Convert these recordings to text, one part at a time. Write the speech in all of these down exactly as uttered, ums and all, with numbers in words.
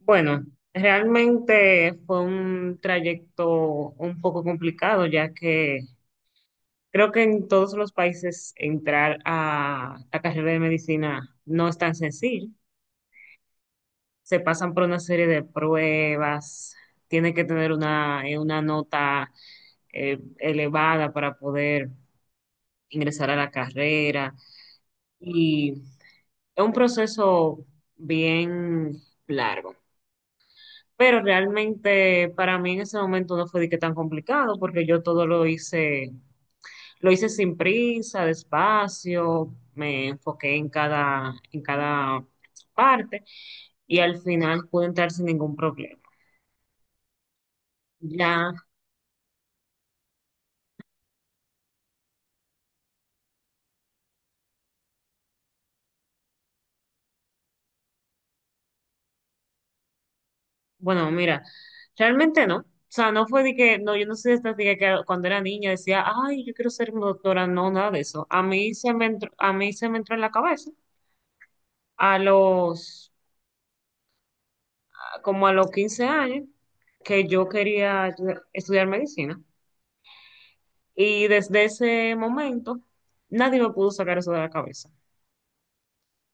Bueno, realmente fue un trayecto un poco complicado, ya que creo que en todos los países entrar a la carrera de medicina no es tan sencillo. Se pasan por una serie de pruebas, tiene que tener una, eh, una nota eh, elevada para poder ingresar a la carrera y es un proceso bien largo. Pero realmente para mí en ese momento no fue de que tan complicado, porque yo todo lo hice, lo hice sin prisa, despacio, me enfoqué en cada, en cada parte y al final pude entrar sin ningún problema. Ya, bueno, mira, realmente no. O sea, no fue de que, no, yo no soy de estas de que cuando era niña decía, ay, yo quiero ser doctora, no, nada de eso. A mí se me entró, a mí se me entró en la cabeza a los como a los quince años que yo quería estudiar estudiar medicina. Y desde ese momento nadie me pudo sacar eso de la cabeza.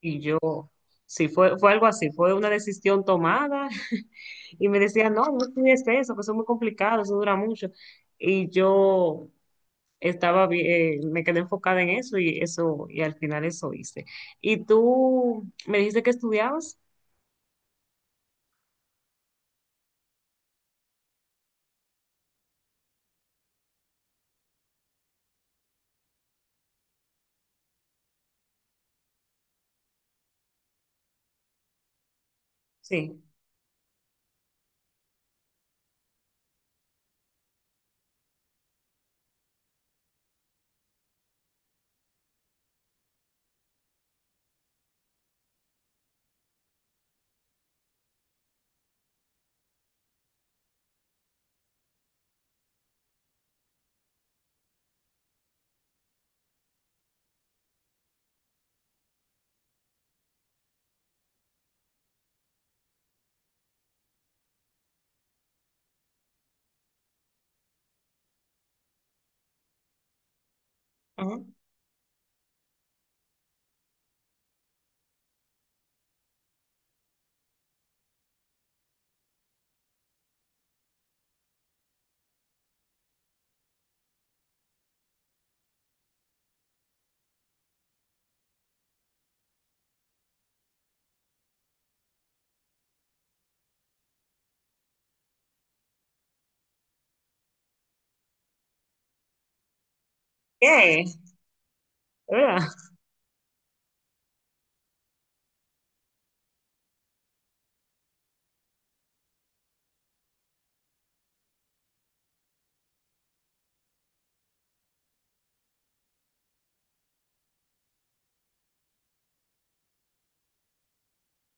Y yo, sí, fue, fue algo así, fue una decisión tomada y me decían, no, no estudies eso, que eso es muy complicado, eso dura mucho. Y yo estaba, bi- eh, me quedé enfocada en eso y eso, y al final eso hice. ¿Y tú me dijiste que estudiabas? Sí. Ajá. ¿Qué? ¿Verdad?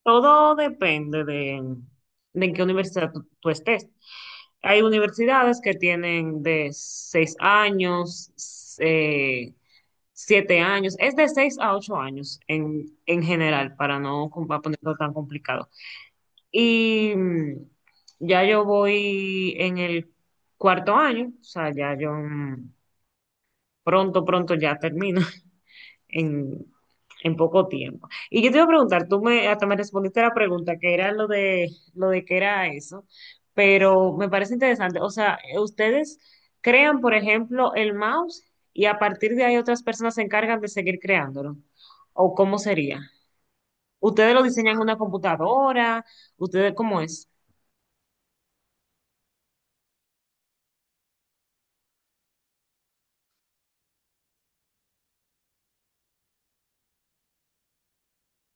Todo depende de, de, en qué universidad tú, tú estés. Hay universidades que tienen de seis años, eh, siete años, es de seis a ocho años en, en general, para no com- para ponerlo tan complicado. Y mm, ya yo voy en el cuarto año, o sea, ya yo mm, pronto, pronto ya termino en, en poco tiempo. Y yo te iba a preguntar, tú me, hasta me respondiste a la pregunta, que era lo de, lo de que era eso, pero me parece interesante. O sea, ustedes crean, por ejemplo, el mouse y a partir de ahí otras personas se encargan de seguir creándolo. ¿O cómo sería? ¿Ustedes lo diseñan en una computadora? ¿Ustedes cómo es?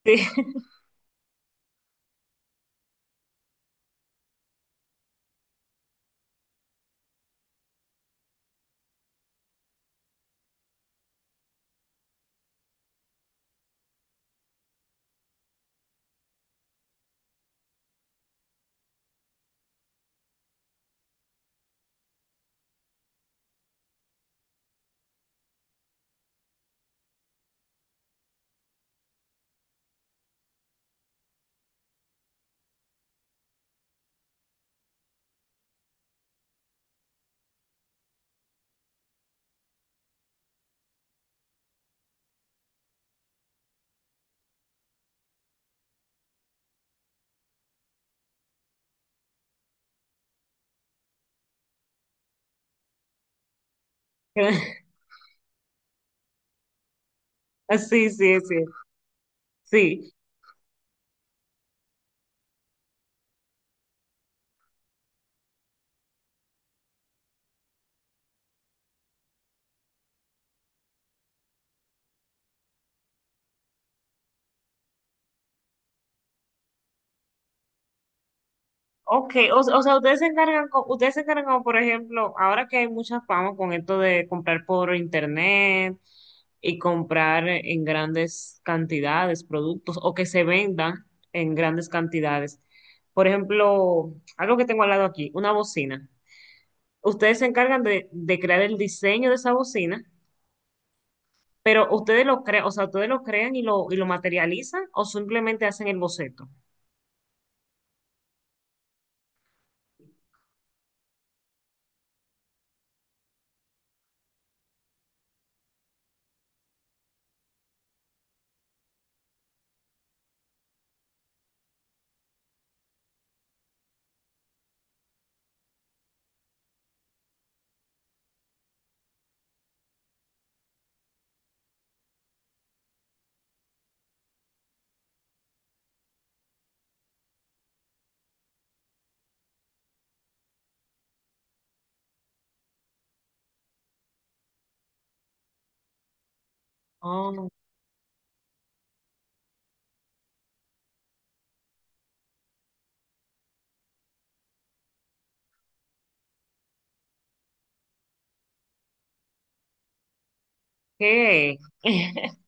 Sí, sí, sí, sí. Sí. Ok, o, o sea, ustedes se encargan, co- ustedes se encargan como, por ejemplo, ahora que hay mucha fama con esto de comprar por internet y comprar en grandes cantidades productos o que se vendan en grandes cantidades. Por ejemplo, algo que tengo al lado aquí, una bocina. Ustedes se encargan de, de crear el diseño de esa bocina, pero ustedes lo crean, o sea, ustedes lo crean y lo, y lo materializan o simplemente hacen el boceto. Ok.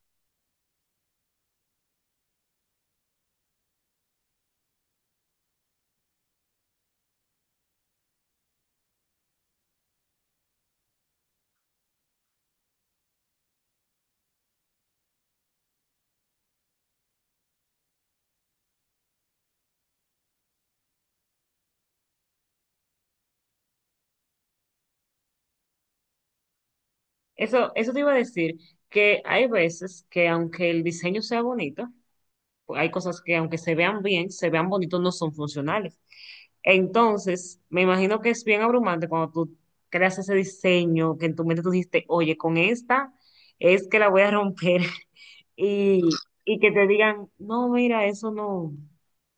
Eso, eso te iba a decir, que hay veces que aunque el diseño sea bonito, pues hay cosas que aunque se vean bien, se vean bonitos, no son funcionales. Entonces, me imagino que es bien abrumante cuando tú creas ese diseño, que en tu mente tú dijiste, oye, con esta es que la voy a romper y, y que te digan, no, mira, eso no,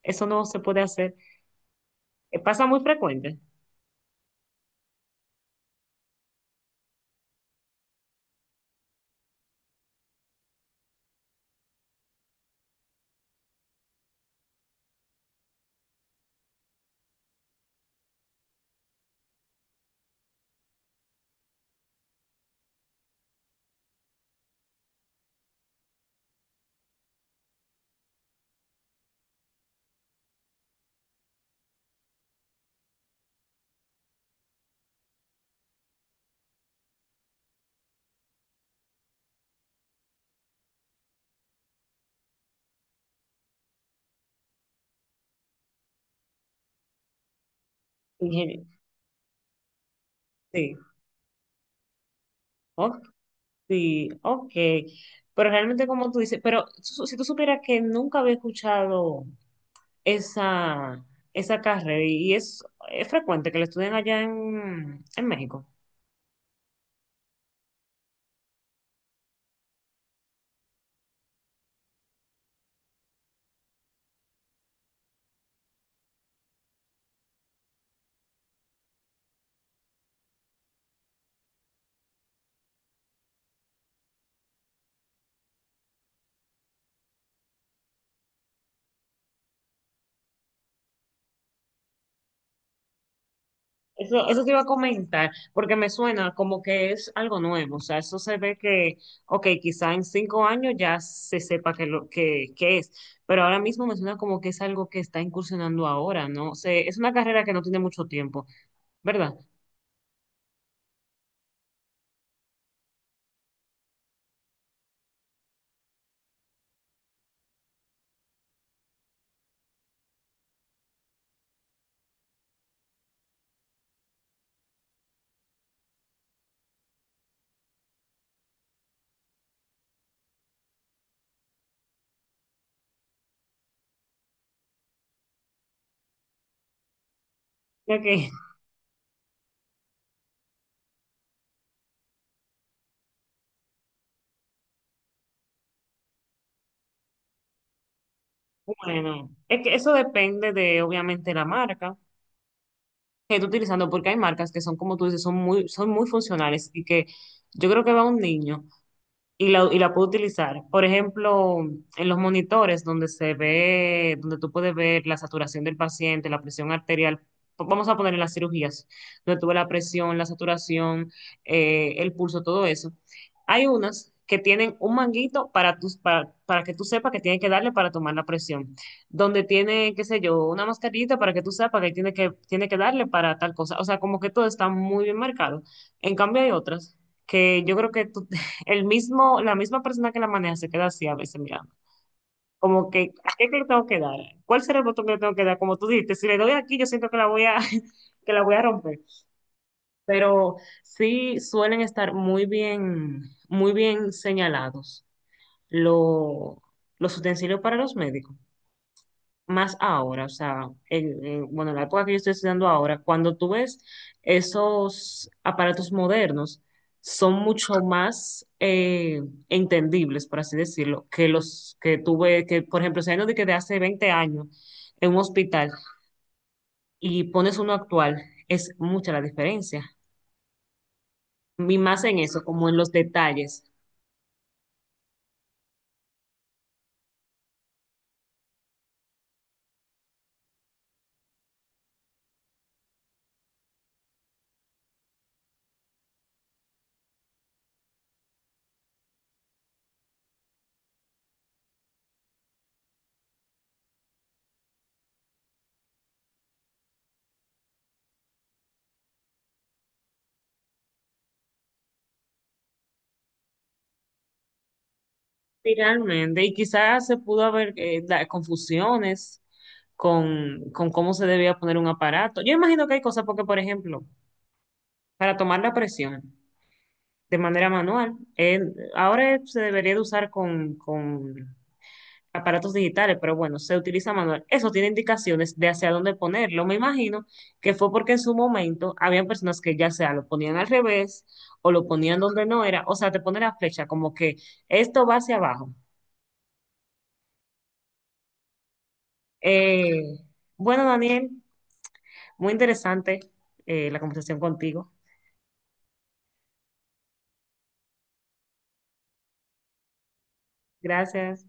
eso no se puede hacer. Eh, Pasa muy frecuente. Ingeniero. Sí, ok. Sí, ok. Pero realmente como tú dices, pero su- si tú supieras que nunca había escuchado esa, esa carrera y y es, es frecuente que la estudian allá en, en México. Eso, eso te iba a comentar, porque me suena como que es algo nuevo. O sea, eso se ve que, ok, quizá en cinco años ya se sepa que lo que, que es, pero ahora mismo me suena como que es algo que está incursionando ahora, ¿no? sé es una carrera que no tiene mucho tiempo, ¿verdad? Ok. Bueno, es que eso depende de obviamente la marca que esté utilizando, porque hay marcas que son como tú dices, son muy, son muy funcionales y que yo creo que va un niño y la, y la puedo utilizar. Por ejemplo, en los monitores donde se ve, donde tú puedes ver la saturación del paciente, la presión arterial, p- vamos a poner en las cirugías, donde tú ves la presión, la saturación, eh, el pulso, todo eso. Hay unas que tienen un manguito para, tus, para, para que tú sepas que tienes que darle para tomar la presión, donde tiene, qué sé yo, una mascarita para que tú sepas que tiene que, tiene que darle para tal cosa. O sea, como que todo está muy bien marcado. En cambio, hay otras que yo creo que tú el mismo, la misma persona que la maneja se queda así a veces mirando. Como que, ¿a qué que le tengo que dar? ¿Cuál será el botón que le tengo que dar? Como tú dijiste, si le doy aquí, yo siento que la voy a, que la voy a romper. Pero sí suelen estar muy bien, muy bien señalados lo- los utensilios para los médicos más ahora, o sea, el, el- bueno, en la época que yo estoy estudiando ahora, cuando tú ves esos aparatos modernos, son mucho más eh, entendibles, por así decirlo, que los que tuve, que por ejemplo, si hay uno de que de hace veinte años en un hospital y pones uno actual, es mucha la diferencia. Y más en eso, como en los detalles. Sí, realmente, y quizás se pudo haber eh, da- confusiones con, con cómo se debía poner un aparato. Yo imagino que hay cosas porque, por ejemplo, para tomar la presión de manera manual, eh, ahora se debería de usar con, con aparatos digitales, pero bueno, se utiliza manual. Eso tiene indicaciones de hacia dónde ponerlo. Me imagino que fue porque en su momento habían personas que ya sea lo ponían al revés o lo ponían donde no era, o sea, te pone la flecha como que esto va hacia abajo. Eh, bueno, Daniel, muy interesante eh, la conversación contigo. Gracias.